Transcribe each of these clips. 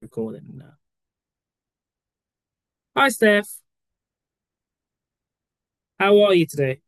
Recording now. Hi, Steph. How are you today?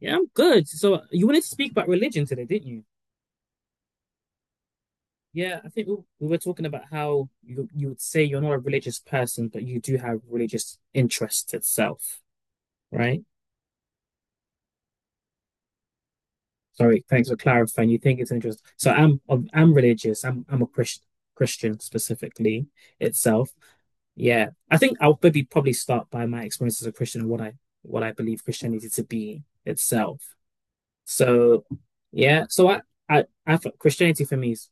Yeah, I'm good. So you wanted to speak about religion today, didn't you? Yeah, I think we were talking about how you would say you're not a religious person, but you do have religious interest itself, right? Sorry, thanks for clarifying. You think it's interest. So I'm religious. I'm a Christian specifically itself. Yeah, I think I'll maybe probably start by my experience as a Christian and what I believe Christianity to be itself. So yeah, so I thought Christianity for me is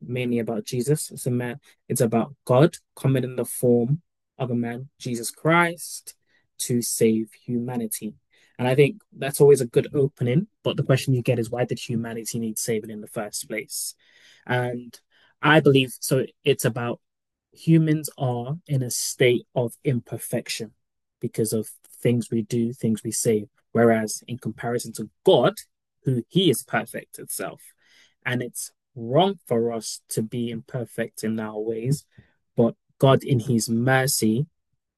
mainly about Jesus. It's a man. It's about God coming in the form of a man, Jesus Christ, to save humanity. And I think that's always a good opening. But the question you get is why did humanity need saving in the first place? And I believe so. It's about humans are in a state of imperfection because of things we do, things we say. Whereas in comparison to God, who he is perfect itself. And it's wrong for us to be imperfect in our ways, but God in his mercy,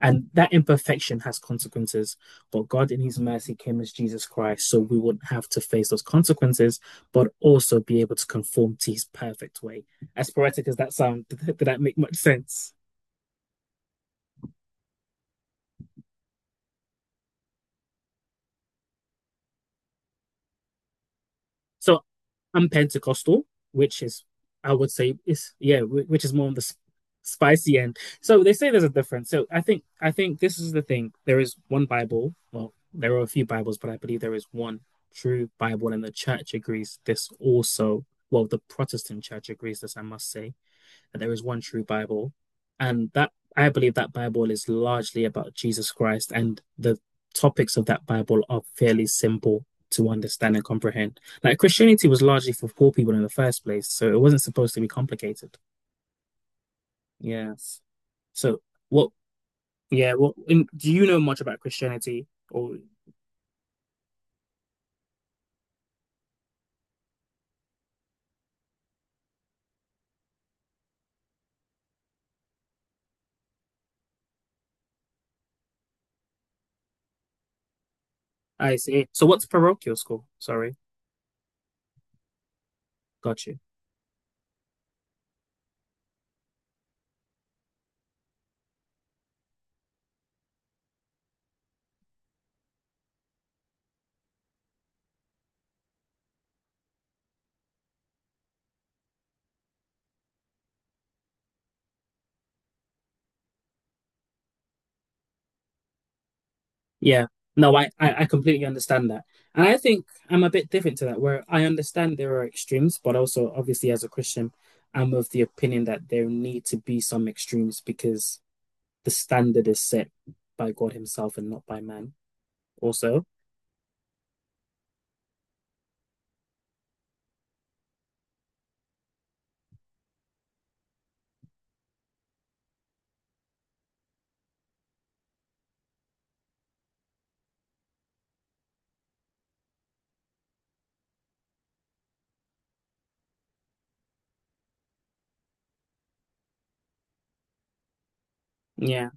and that imperfection has consequences, but God in his mercy came as Jesus Christ, so we wouldn't have to face those consequences, but also be able to conform to his perfect way. As poetic as that sound, did that make much sense? So I'm Pentecostal, which is I would say is yeah, which is more on the spicy end. So they say there's a difference. So I think this is the thing. There is one Bible. Well, there are a few Bibles, but I believe there is one true Bible, and the church agrees this also. Well, the Protestant church agrees this, I must say that there is one true Bible, and that I believe that Bible is largely about Jesus Christ, and the topics of that Bible are fairly simple to understand and comprehend. Like Christianity was largely for poor people in the first place, so it wasn't supposed to be complicated. Yes. So what? Yeah. What? In, do you know much about Christianity? Or I see. So what's parochial school? Sorry, got you. Yeah. No, I completely understand that. And I think I'm a bit different to that, where I understand there are extremes, but also obviously as a Christian, I'm of the opinion that there need to be some extremes because the standard is set by God Himself and not by man. Also, yeah.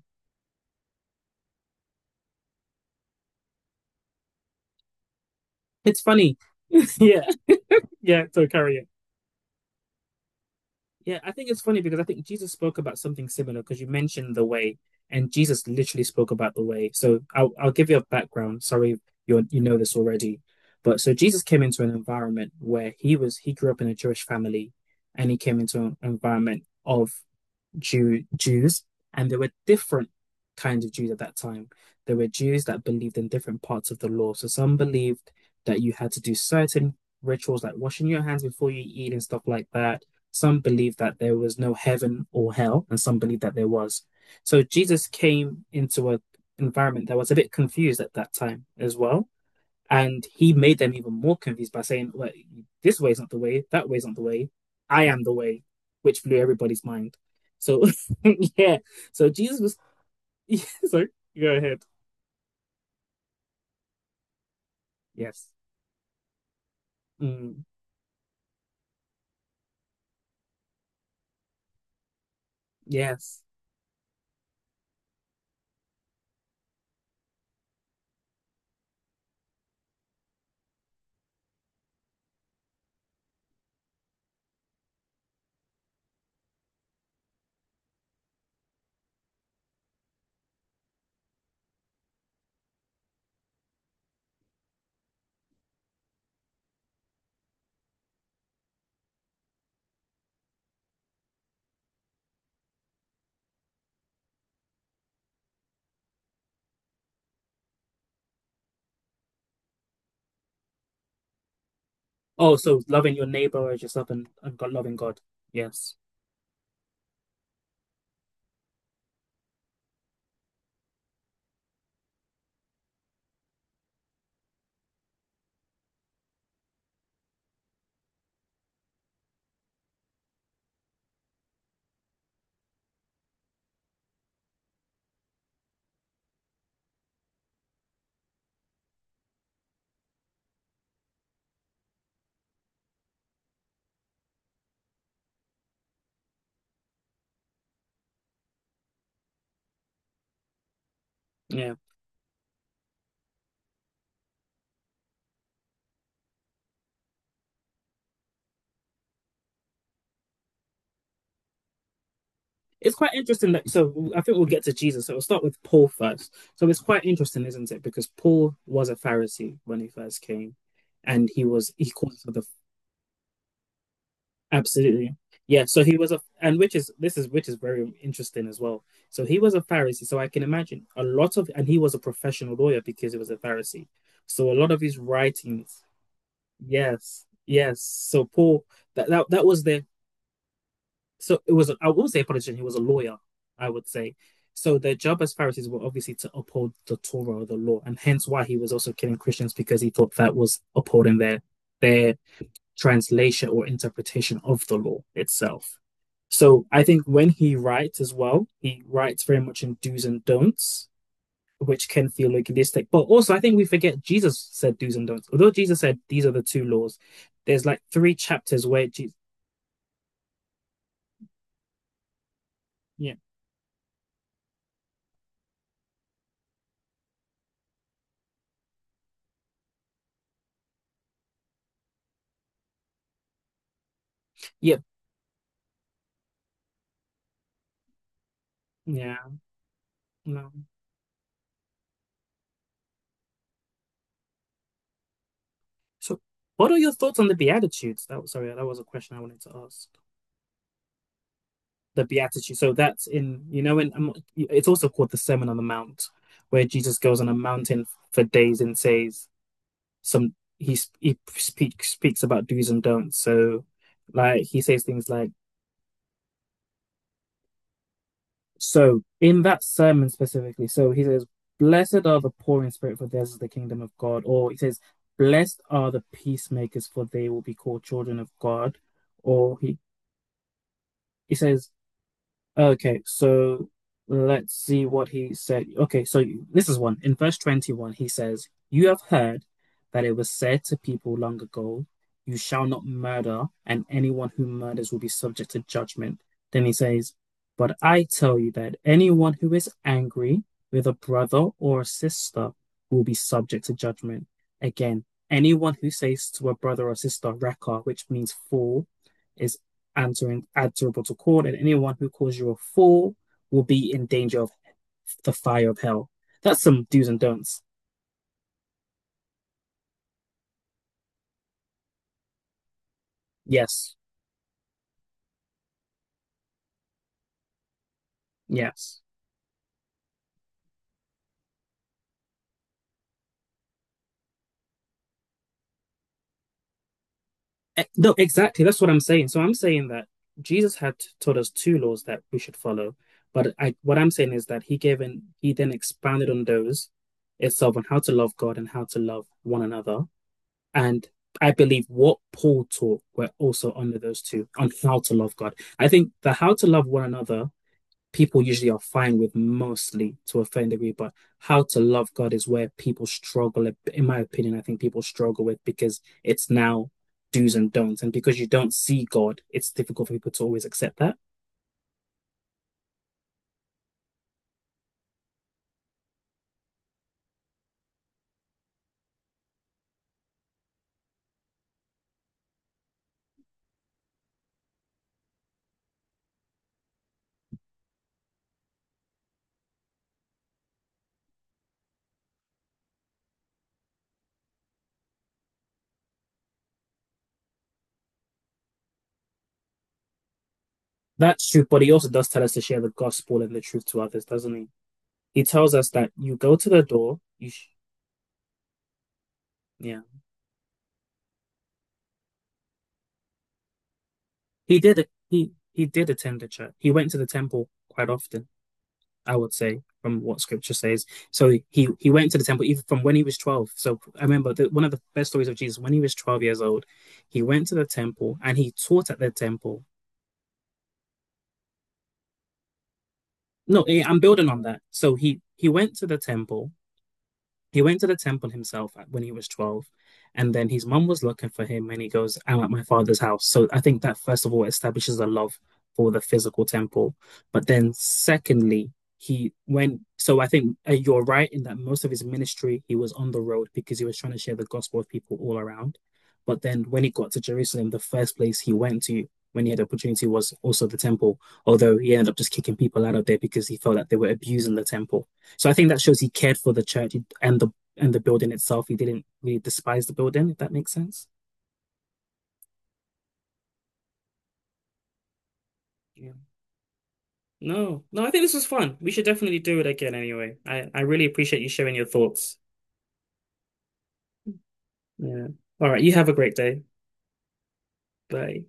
It's funny. Yeah, yeah. So carry on. Yeah, I think it's funny because I think Jesus spoke about something similar because you mentioned the way, and Jesus literally spoke about the way. So I'll give you a background. Sorry, you know this already, but so Jesus came into an environment where he grew up in a Jewish family, and he came into an environment of Jews, and there were different kinds of Jews at that time. There were Jews that believed in different parts of the law. So some believed that you had to do certain rituals like washing your hands before you eat and stuff like that. Some believed that there was no heaven or hell, and some believed that there was. So Jesus came into an environment that was a bit confused at that time as well and he made them even more confused by saying, like, this way is not the way, that way is not the way, I am the way, which blew everybody's mind. So, yeah. So Jesus was. Sorry, go ahead. Yes. Mm, yes. Oh, so loving your neighbor as yourself and God, loving God. Yes. Yeah. It's quite interesting that. So I think we'll get to Jesus. So we'll start with Paul first. So it's quite interesting, isn't it? Because Paul was a Pharisee when he first came and he was he called himself the Absolutely. Yeah, so he was a and which is this is which is very interesting as well. So he was a Pharisee, so I can imagine a lot of and he was a professional lawyer because he was a Pharisee. So a lot of his writings, yes, yes. So Paul that that, that was the so it was I won't say a politician, he was a lawyer, I would say. So their job as Pharisees were obviously to uphold the Torah or the law, and hence why he was also killing Christians because he thought that was upholding their translation or interpretation of the law itself. So I think when he writes as well, he writes very much in do's and don'ts, which can feel legalistic. But also, I think we forget Jesus said do's and don'ts. Although Jesus said these are the two laws, there's like three chapters where Jesus, yeah, yeah, yeah, no. So, what are your thoughts on the Beatitudes? That was, sorry, that was a question I wanted to ask. The Beatitudes. So that's in, you know, in, it's also called the Sermon on the Mount, where Jesus goes on a mountain for days and says, some he speaks about do's and don'ts. So, like he says things like, "So in that sermon specifically, so he says, blessed are the poor in spirit, for theirs is the kingdom of God." Or he says, "Blessed are the peacemakers, for they will be called children of God." Or he says, okay, so let's see what he said. Okay, so this is one. In verse 21, he says, you have heard that it was said to people long ago, you shall not murder, and anyone who murders will be subject to judgment. Then he says, but I tell you that anyone who is angry with a brother or a sister will be subject to judgment. Again, anyone who says to a brother or sister, Reka, which means fool, is and to add to report to court, and anyone who calls you a fool will be in danger of the fire of hell. That's some do's and don'ts. Yes, yes. E- No, exactly. That's what I'm saying. So I'm saying that Jesus had taught us two laws that we should follow, but I, what I'm saying is that he gave and he then expanded on those itself on how to love God and how to love one another. And I believe what Paul taught were also under those two on how to love God. I think the how to love one another people usually are fine with mostly to a certain degree, but how to love God is where people struggle. In my opinion, I think people struggle with because it's now do's and don'ts. And because you don't see God, it's difficult for people to always accept that. That's true, but he also does tell us to share the gospel and the truth to others, doesn't he? He tells us that you go to the door, you sh yeah. He did it. He did attend the church. He went to the temple quite often, I would say, from what scripture says. So he went to the temple even from when he was 12. So I remember the, one of the best stories of Jesus when he was 12 years old, he went to the temple and he taught at the temple. No, eh, I'm building on that. So He went to the temple himself when he was 12, and then his mum was looking for him, and he goes, I'm at my father's house. So I think that, first of all, establishes a love for the physical temple. But then, secondly, he went, so I think you're right in that most of his ministry, he was on the road because he was trying to share the gospel with people all around. But then when he got to Jerusalem, the first place he went to when he had the opportunity was also the temple, although he ended up just kicking people out of there because he felt that they were abusing the temple. So I think that shows he cared for the church and the and the building itself. He didn't really despise the building, if that makes sense. Yeah. No, no, I think this was fun. We should definitely do it again anyway. I really appreciate you sharing your thoughts. Yeah. All right, you have a great day. Bye.